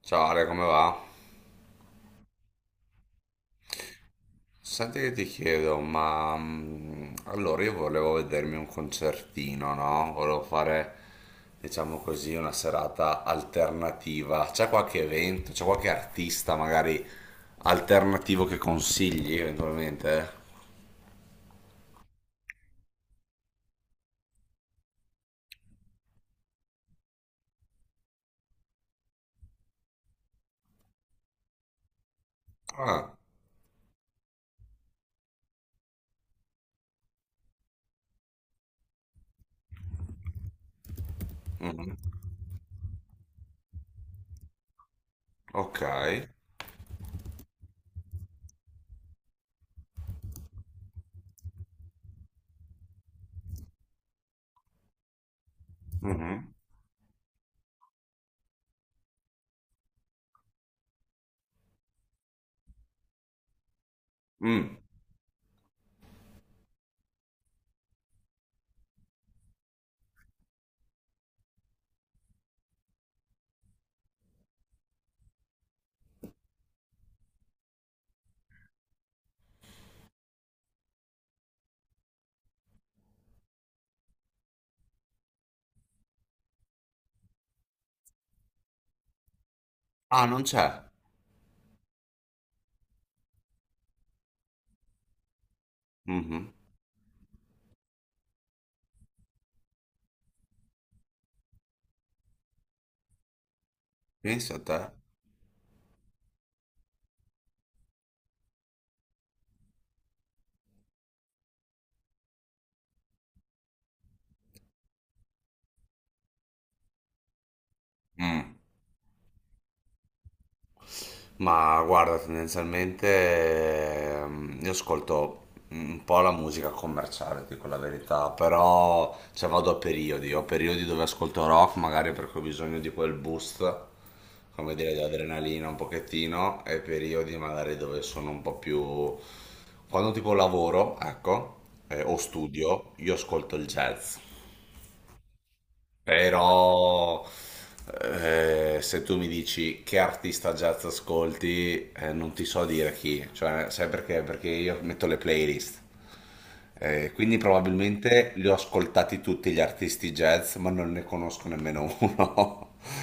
Ciao Ale, come va? Senti che ti chiedo, ma allora io volevo vedermi un concertino, no? Volevo fare, diciamo così, una serata alternativa. C'è qualche evento, c'è qualche artista magari alternativo che consigli eventualmente? Ah, mhm, ok. Mhm, mm. Ah, non c'è. Mhm. Pensa a te. Mm. Ma guarda, tendenzialmente io ascolto un po' la musica commerciale, dico la verità, però cioè, vado a periodi, ho periodi dove ascolto rock, magari perché ho bisogno di quel boost, come dire, di adrenalina un pochettino, e periodi magari dove sono un po' più... Quando tipo lavoro, ecco, o studio, io ascolto il jazz. Però se tu mi dici che artista jazz ascolti, non ti so dire chi, cioè, sai perché? Perché io metto le playlist. Quindi probabilmente li ho ascoltati tutti gli artisti jazz, ma non ne conosco nemmeno uno.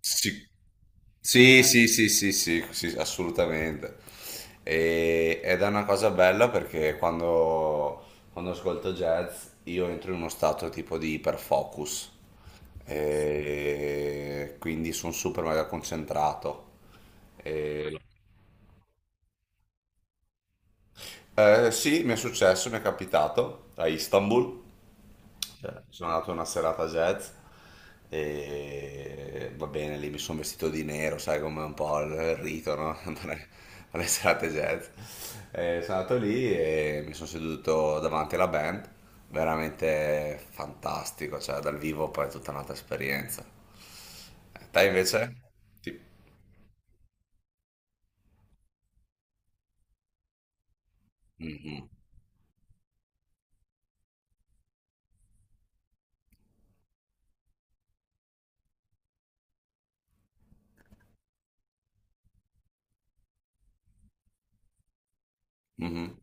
Sì. Sì, sì, sì, sì, sì, sì, assolutamente. Ed è una cosa bella perché quando ascolto jazz io entro in uno stato tipo di iperfocus e quindi sono super mega concentrato. E- eh, sì, mi è successo, mi è capitato a Istanbul. Cioè, sono andato a una serata jazz e va bene, lì mi sono vestito di nero, sai come è un po' il rito, no? Andare alle serate jazz. E sono andato lì e mi sono seduto davanti alla band, veramente fantastico, cioè dal vivo poi è tutta un'altra esperienza. Te invece? Ti- Mhm, mhm,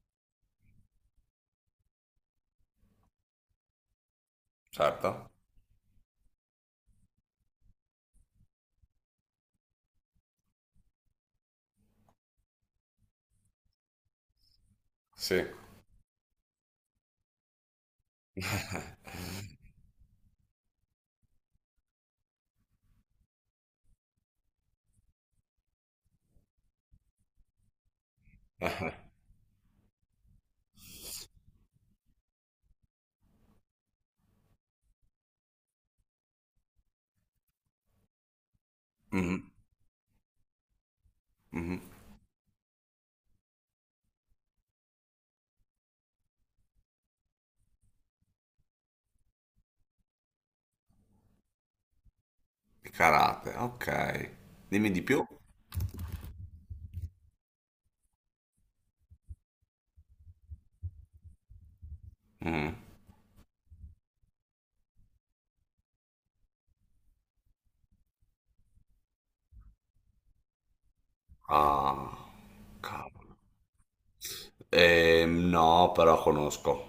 certo, sì. Mhm, mhm. Karate, ok. Dimmi di più. Mhm. Ah, cavolo. No, però conosco.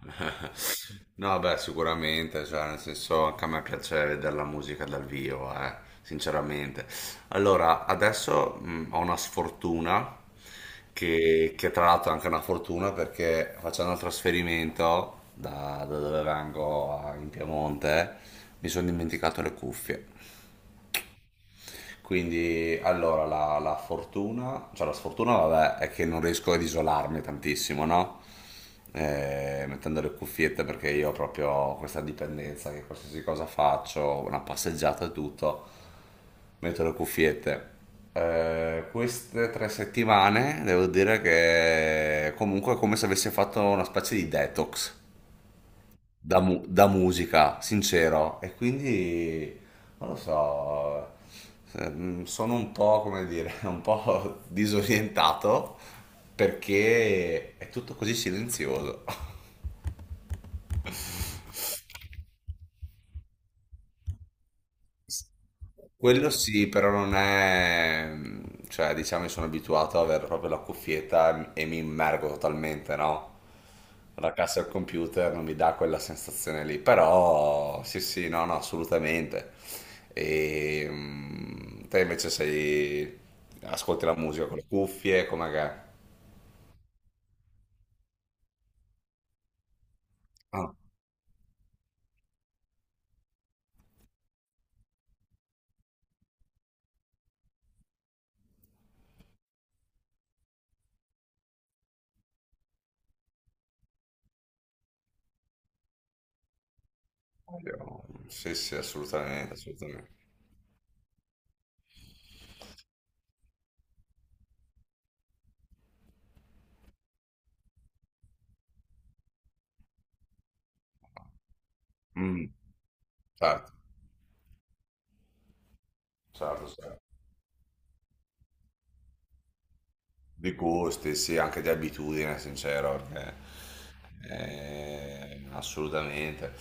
No, beh, sicuramente, cioè, nel senso, anche a me piace vedere la musica dal vivo, sinceramente. Allora, adesso ho una sfortuna, che tra l'altro è anche una fortuna perché facendo il trasferimento da, da dove vengo in Piemonte, mi sono dimenticato le cuffie. Quindi, allora, la fortuna, cioè la sfortuna, vabbè, è che non riesco ad isolarmi tantissimo, no? Mettendo le cuffiette perché io ho proprio questa dipendenza che qualsiasi cosa faccio, una passeggiata e tutto, metto le cuffiette. Queste tre settimane devo dire che comunque è come se avessi fatto una specie di detox da, da musica, sincero. E quindi, non lo so, sono un po', come dire, un po' disorientato perché è tutto così silenzioso. Quello sì, però non è... mm, cioè diciamo che sono abituato ad avere proprio la cuffietta e mi immergo totalmente, no? La cassa al computer non mi dà quella sensazione lì, però sì sì, no, no, assolutamente. E mm, te invece sei... ascolti la musica con le cuffie, com'è che è? Ah, io- sì sì, assolutamente, assolutamente. Mm, certo, certo, certo. Di gusti, sì, anche di abitudine, sincero, perché, assolutamente.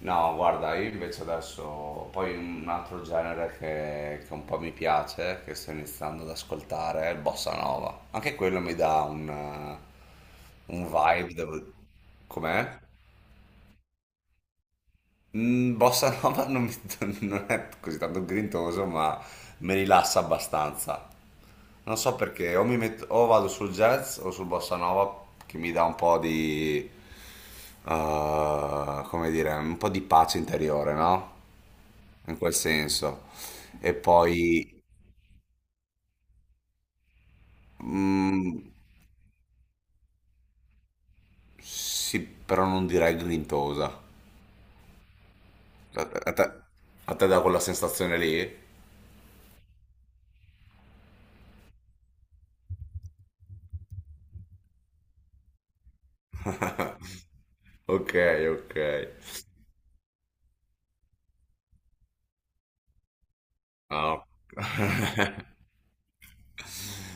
No, guarda, io invece adesso, poi un altro genere che un po' mi piace, che sto iniziando ad ascoltare, è il bossa nova. Anche quello mi dà un vibe, devo... Com'è? Mm, bossa nova non, non è così tanto grintoso, ma mi rilassa abbastanza. Non so perché, o, mi metto, o vado sul jazz o sul bossa nova che mi dà un po' di, come dire, un po' di pace interiore, no? In quel senso. E poi, mm, sì, però non direi grintosa. A te, a te- a te dà quella sensazione lì? Ok, ok. No.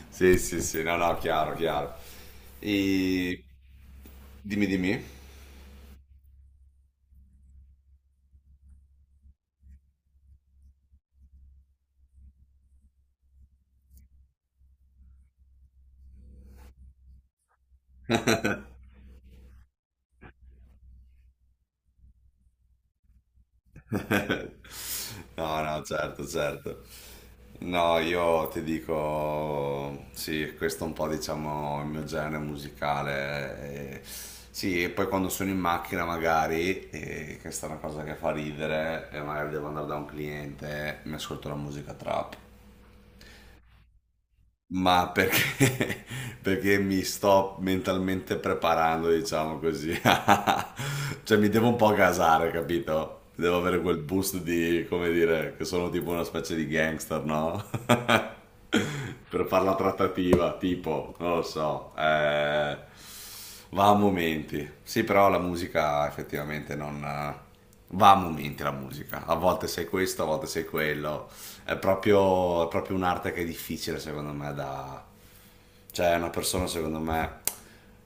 Sì, sì, sì, no, no, chiaro, chiaro. E... Dimmi, dimmi. No, no, certo, certo. No, io ti dico, sì, questo è un po', diciamo, il mio genere musicale. Eh, sì, e poi quando sono in macchina magari, questa è una cosa che fa ridere, e magari devo andare da un cliente, mi ascolto la musica trap. Ma perché, perché mi sto mentalmente preparando, diciamo così. Cioè mi devo un po' gasare, capito? Devo avere quel boost di, come dire, che sono tipo una specie di gangster, no? Per fare la trattativa, tipo, non lo so. Eh. Va a momenti. Sì, però la musica effettivamente non... va a momenti la musica. A volte sei questo, a volte sei quello. È proprio un'arte che è difficile secondo me da... Cioè, una persona secondo me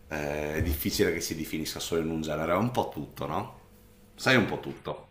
è difficile che si definisca solo in un genere. È un po' tutto, no? Sai un po' tutto.